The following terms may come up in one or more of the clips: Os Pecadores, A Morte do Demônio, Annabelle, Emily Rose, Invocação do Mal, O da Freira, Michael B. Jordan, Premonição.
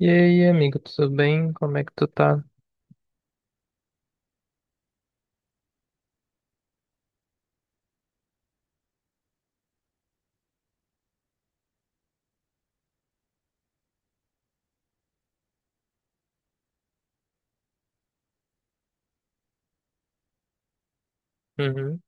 E aí, amigo, tudo bem? Como é que tu tá? Uhum.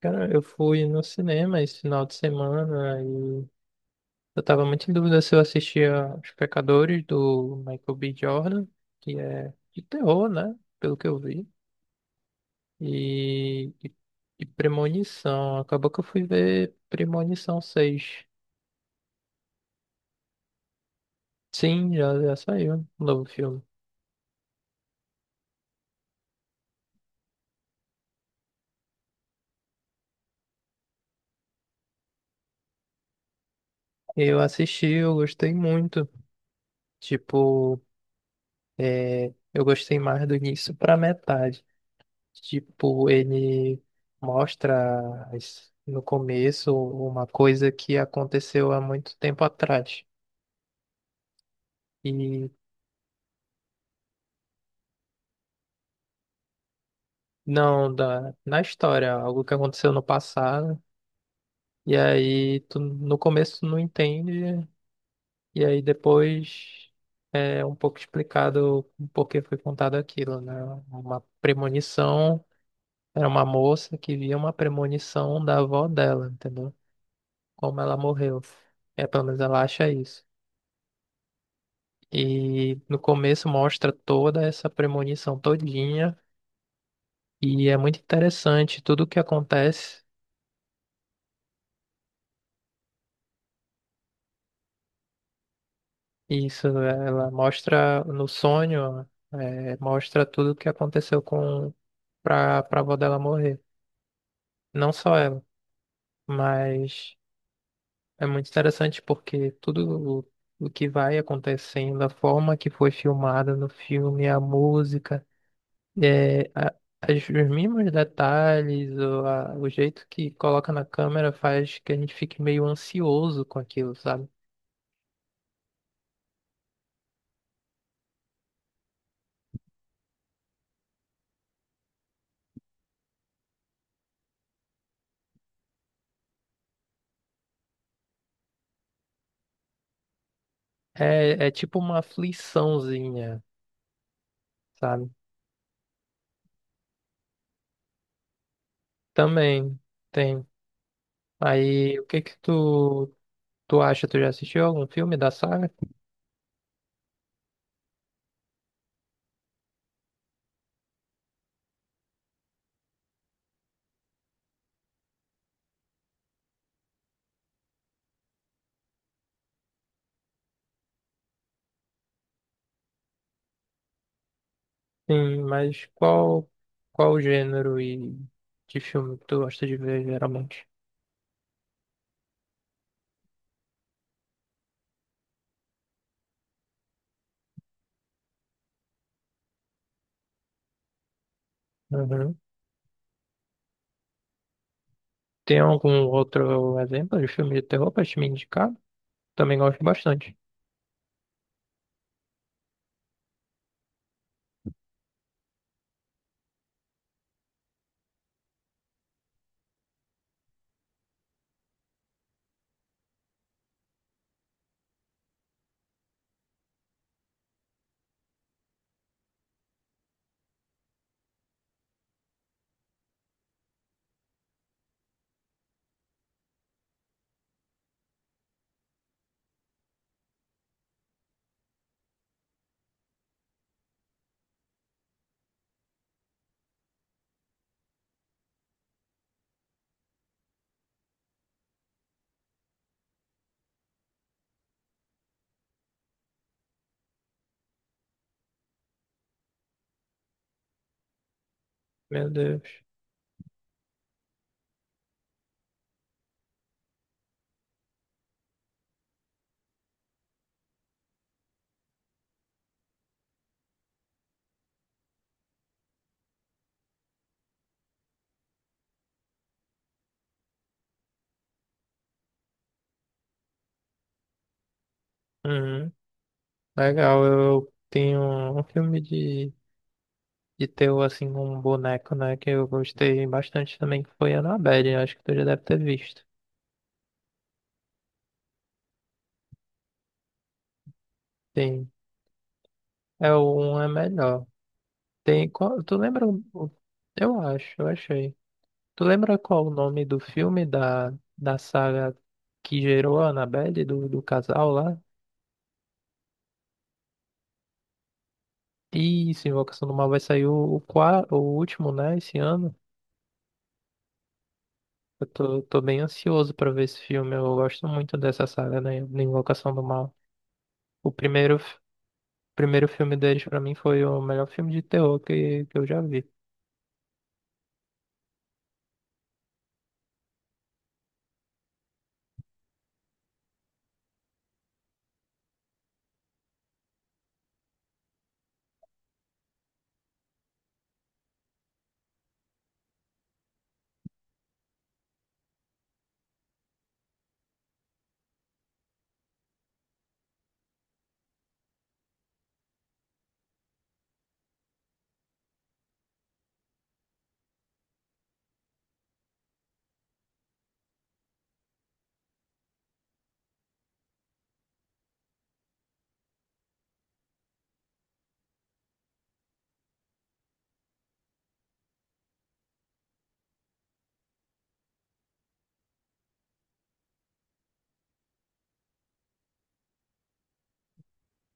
Cara, eu fui no cinema esse final de semana e eu tava muito em dúvida se eu assistia Os Pecadores do Michael B. Jordan, que é de terror, né? Pelo que eu vi. E, e, e Premonição. Acabou que eu fui ver Premonição 6. Sim, já saiu o novo filme. Eu assisti, eu gostei muito. Tipo, eu gostei mais do início pra metade. Tipo, ele no começo uma coisa que aconteceu há muito tempo atrás. E não, na história, algo que aconteceu no passado. E aí, tu, no começo tu não entende. E aí depois é um pouco explicado o porquê foi contado aquilo, né? Uma premonição, era uma moça que via uma premonição da avó dela, entendeu? Como ela morreu. É, pelo menos ela acha isso. E no começo mostra toda essa premonição todinha e é muito interessante tudo o que acontece. Isso, ela mostra no sonho, é, mostra tudo o que aconteceu com para avó dela morrer. Não só ela, mas é muito interessante porque tudo o que vai acontecendo, a forma que foi filmada no filme, a música. É, a- os mínimos detalhes, ou o jeito que coloca na câmera faz que a gente fique meio ansioso com aquilo, sabe? É tipo uma afliçãozinha, sabe? Também tem. Aí, o que que tu, tu acha? Tu já assistiu algum filme da saga? Sim, mas qual o gênero e de filme que tu gosta de ver geralmente? Uhum. Tem algum outro exemplo de filme de terror pra te me indicar? Também gosto bastante. Meu Deus. Uhum. Legal, eu tenho um filme de terror assim com um boneco, né? Que eu gostei bastante também, que foi Annabelle, acho que tu já deve ter visto. Tem. É o um é melhor. Tem. Tu lembra? Eu acho, eu achei. Tu lembra qual o nome do filme da saga que gerou a Annabelle, do casal lá? Isso, Invocação do Mal vai sair o último, né, esse ano. Eu tô bem ansioso pra ver esse filme. Eu gosto muito dessa saga, né, da Invocação do Mal. O primeiro, f- primeiro filme deles, pra mim, foi o melhor filme de terror que eu já vi.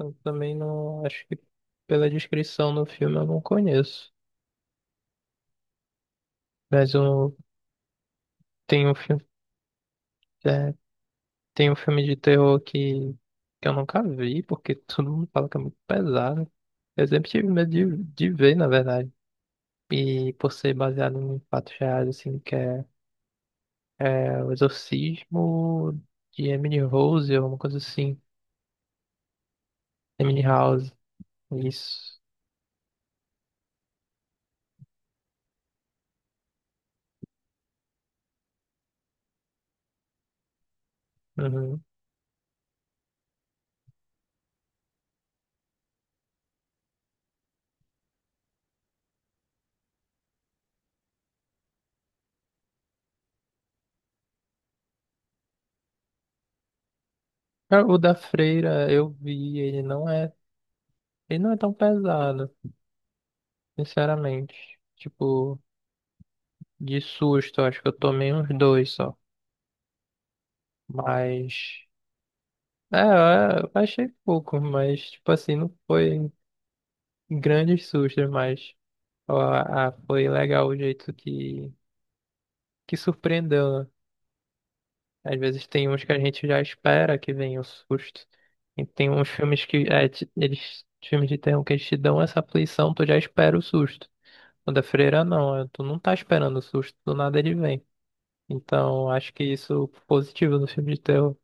Eu também não, acho que pela descrição do filme eu não conheço. Mas um, tem um filme, é, tem um filme de terror que eu nunca vi, porque todo mundo fala que é muito pesado. Eu sempre tive medo de ver, na verdade. E por ser baseado em fatos reais, assim, é o exorcismo de Emily Rose, ou uma coisa assim. Emily House, isso. Uhum. Ah, o da Freira, eu vi, ele não é tão pesado, sinceramente. Tipo, de susto, acho que eu tomei uns dois só. Mas, é, eu achei pouco, mas, tipo assim, não foi grandes sustos, mas ó, ah, foi legal o jeito que surpreendeu, né? Às vezes tem uns que a gente já espera que venha o susto. E tem uns filmes que é, te- eles, filmes de terror que eles te dão essa aflição, tu já espera o susto. O da Freira não, é, tu não tá esperando o susto, do nada ele vem. Então, acho que isso é positivo no filme de terror.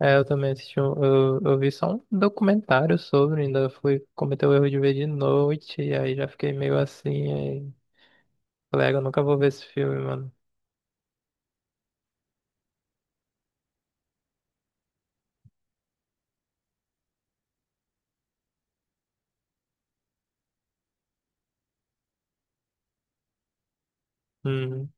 É, eu também assisti, eu vi só um documentário sobre, ainda fui cometer o erro de ver de noite, e aí já fiquei meio assim, aí, colega, eu nunca vou ver esse filme, mano. Uhum.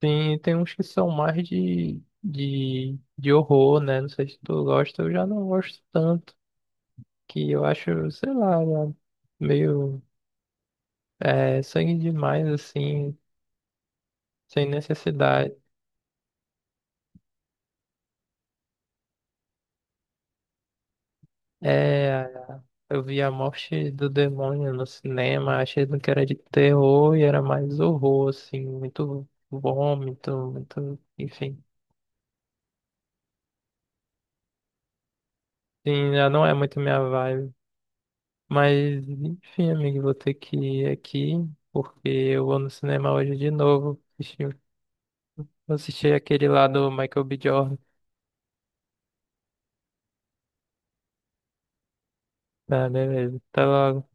Tem, tem uns que são mais de horror, né? Não sei se tu gosta, eu já não gosto tanto. Que eu acho, sei lá, né? Meio é, sangue demais, assim, sem necessidade. É, eu vi A Morte do Demônio no cinema, achei que era de terror e era mais horror, assim, muito vômito, muito, enfim. Sim, já não é muito minha vibe. Mas, enfim, amigo, vou ter que ir aqui, porque eu vou no cinema hoje de novo. Assistir aquele lá do Michael B. Jordan. Tá, beleza. Até logo.